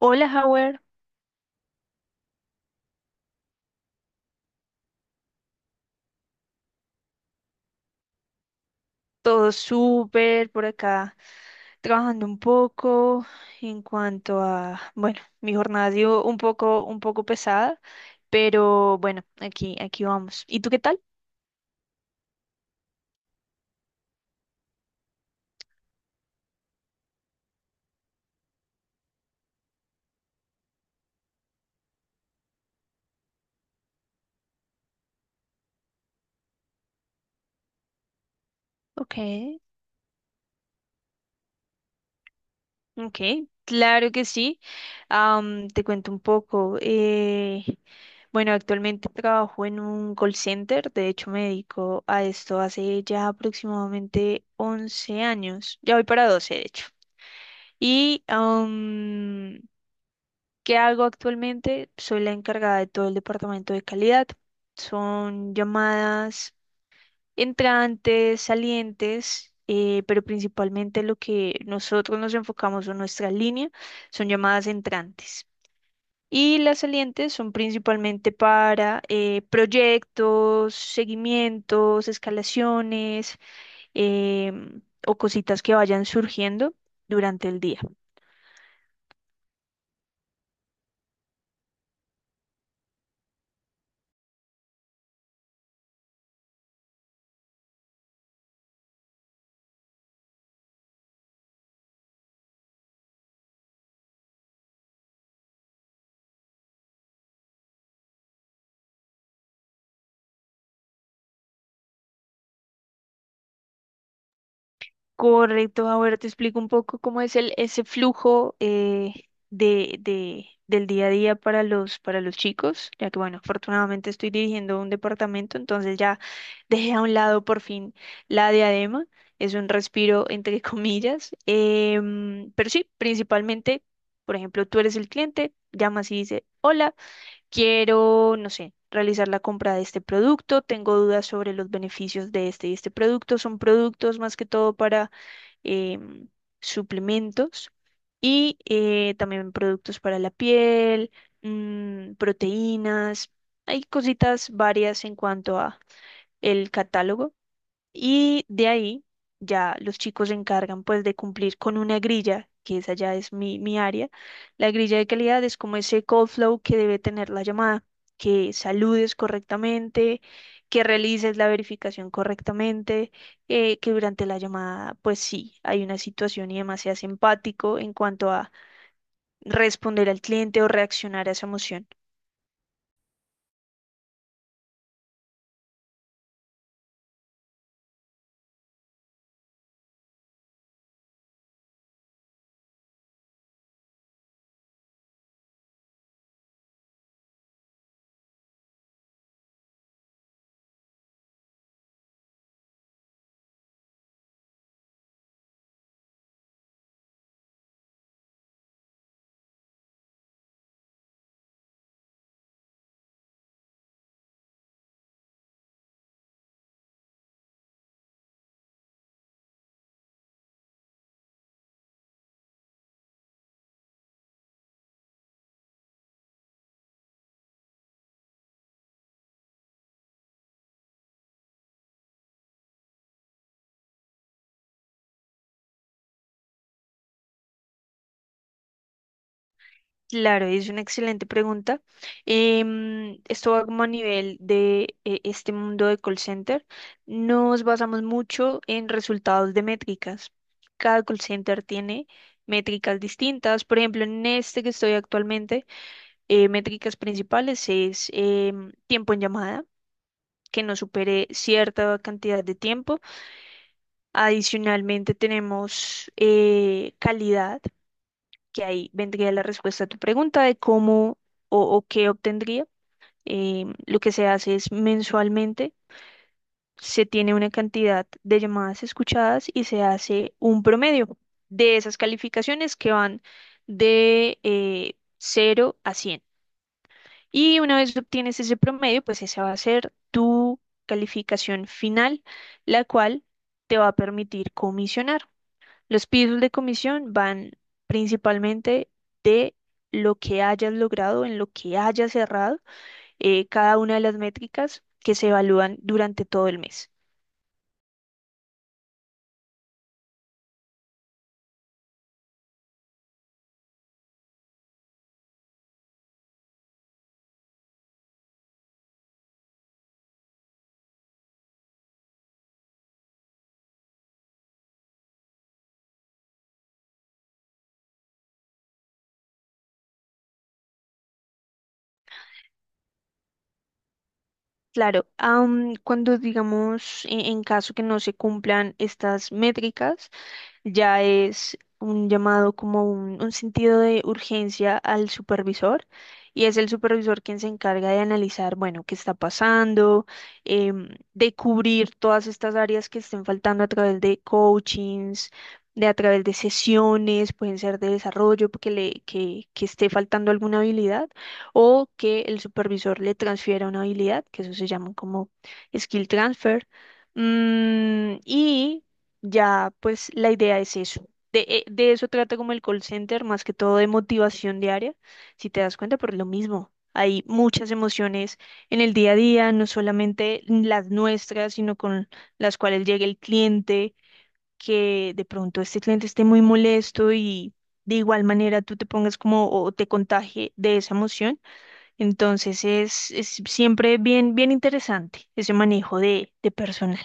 Hola, Howard. Todo súper por acá, trabajando un poco en cuanto a, bueno, mi jornada ha sido un poco pesada, pero bueno, aquí vamos. ¿Y tú qué tal? Ok, ok, claro que sí. Te cuento un poco. Bueno, actualmente trabajo en un call center, de hecho me dedico a esto hace ya aproximadamente 11 años, ya voy para 12 de hecho. Y ¿qué hago actualmente? Soy la encargada de todo el departamento de calidad. Son llamadas entrantes, salientes, pero principalmente lo que nosotros nos enfocamos en nuestra línea son llamadas entrantes. Y las salientes son principalmente para proyectos, seguimientos, escalaciones, em, o cositas que vayan surgiendo durante el día. Correcto, ahora te explico un poco cómo es ese flujo, del día a día para los chicos, ya que, bueno, afortunadamente estoy dirigiendo un departamento, entonces ya dejé a un lado por fin la diadema. Es un respiro entre comillas, pero sí, principalmente, por ejemplo, tú eres el cliente, llamas y dices, quiero, no sé, realizar la compra de este producto, tengo dudas sobre los beneficios de este y este producto. Son productos más que todo para, em, suplementos y, también productos para la piel, proteínas. Hay cositas varias en cuanto a el catálogo, y de ahí ya los chicos se encargan pues de cumplir con una grilla, que esa ya es mi área. La grilla de calidad es como ese call flow que debe tener la llamada, que saludes correctamente, que realices la verificación correctamente, que durante la llamada pues sí, hay una situación y demás seas empático en cuanto a responder al cliente o reaccionar a esa emoción. Claro, es una excelente pregunta. Esto va como a nivel de, este mundo de call center. Nos basamos mucho en resultados de métricas. Cada call center tiene métricas distintas. Por ejemplo, en este que estoy actualmente, métricas principales es, tiempo en llamada, que no supere cierta cantidad de tiempo. Adicionalmente tenemos, calidad, que ahí vendría la respuesta a tu pregunta de cómo o qué obtendría. Lo que se hace es mensualmente, se tiene una cantidad de llamadas escuchadas y se hace un promedio de esas calificaciones que van de, 0 a 100. Y una vez obtienes ese promedio, pues esa va a ser tu calificación final, la cual te va a permitir comisionar. Los pisos de comisión van principalmente de lo que hayas logrado, en lo que hayas cerrado, cada una de las métricas que se evalúan durante todo el mes. Claro, cuando digamos, en caso que no se cumplan estas métricas, ya es un llamado como un sentido de urgencia al supervisor, y es el supervisor quien se encarga de analizar, bueno, qué está pasando, de cubrir todas estas áreas que estén faltando a través de coachings, de a través de sesiones, pueden ser de desarrollo, porque que esté faltando alguna habilidad, o que el supervisor le transfiera una habilidad, que eso se llama como skill transfer. Y ya pues la idea es eso. De eso trata como el call center, más que todo de motivación diaria. Si te das cuenta, por lo mismo, hay muchas emociones en el día a día, no solamente las nuestras, sino con las cuales llega el cliente, que de pronto este cliente esté muy molesto y de igual manera tú te pongas como o te contagie de esa emoción. Entonces es siempre bien, bien interesante ese manejo de personal.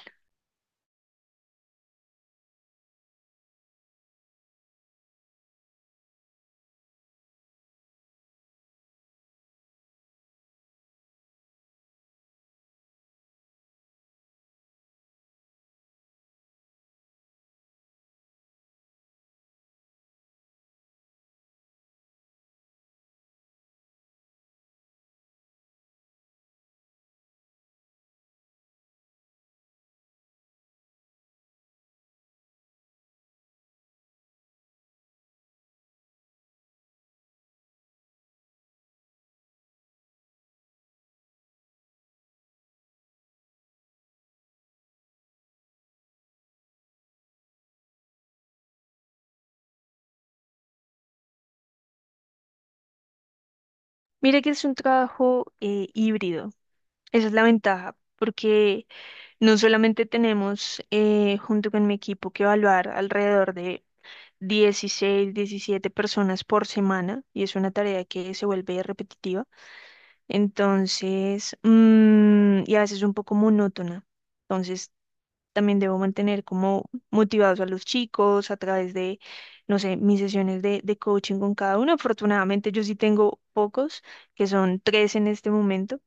Mira que es un trabajo, híbrido. Esa es la ventaja, porque no solamente tenemos, junto con mi equipo, que evaluar alrededor de 16, 17 personas por semana, y es una tarea que se vuelve repetitiva, entonces, y a veces un poco monótona. Entonces, también debo mantener como motivados a los chicos a través de, no sé, mis sesiones de coaching con cada uno. Afortunadamente yo sí tengo pocos, que son tres en este momento.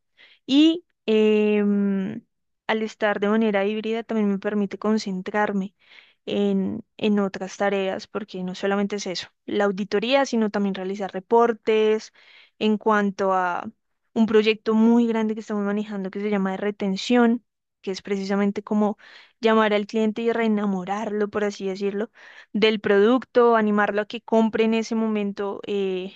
Y, al estar de manera híbrida, también me permite concentrarme en otras tareas, porque no solamente es eso, la auditoría, sino también realizar reportes en cuanto a un proyecto muy grande que estamos manejando, que se llama de retención, que es precisamente como llamar al cliente y reenamorarlo, por así decirlo, del producto, animarlo a que compre en ese momento,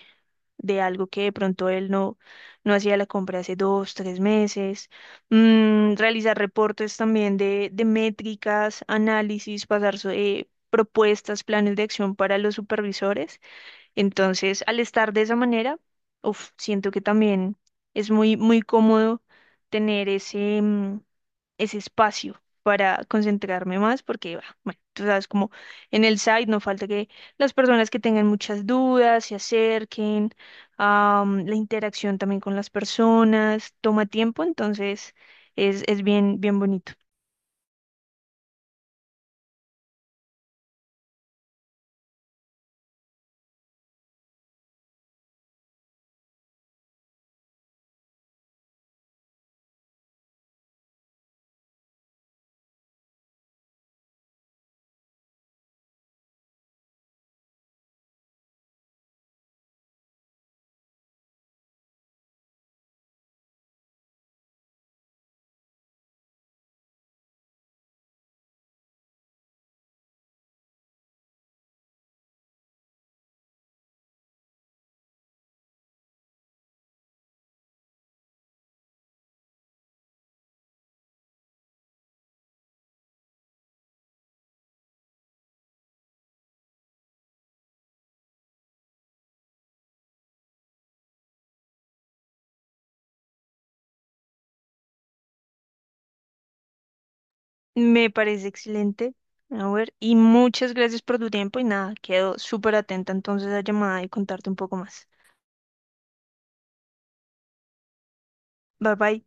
de algo que de pronto él no hacía la compra hace 2, 3 meses. Realizar reportes también de métricas, análisis, pasar propuestas, planes de acción para los supervisores. Entonces, al estar de esa manera, uf, siento que también es muy, muy cómodo tener ese espacio para concentrarme más, porque, bah, bueno, tú sabes, como en el site no falta que las personas que tengan muchas dudas se acerquen. La interacción también con las personas toma tiempo, entonces es bien, bien bonito. Me parece excelente. A ver, y muchas gracias por tu tiempo y nada, quedo súper atenta entonces a la llamada y contarte un poco más. Bye bye.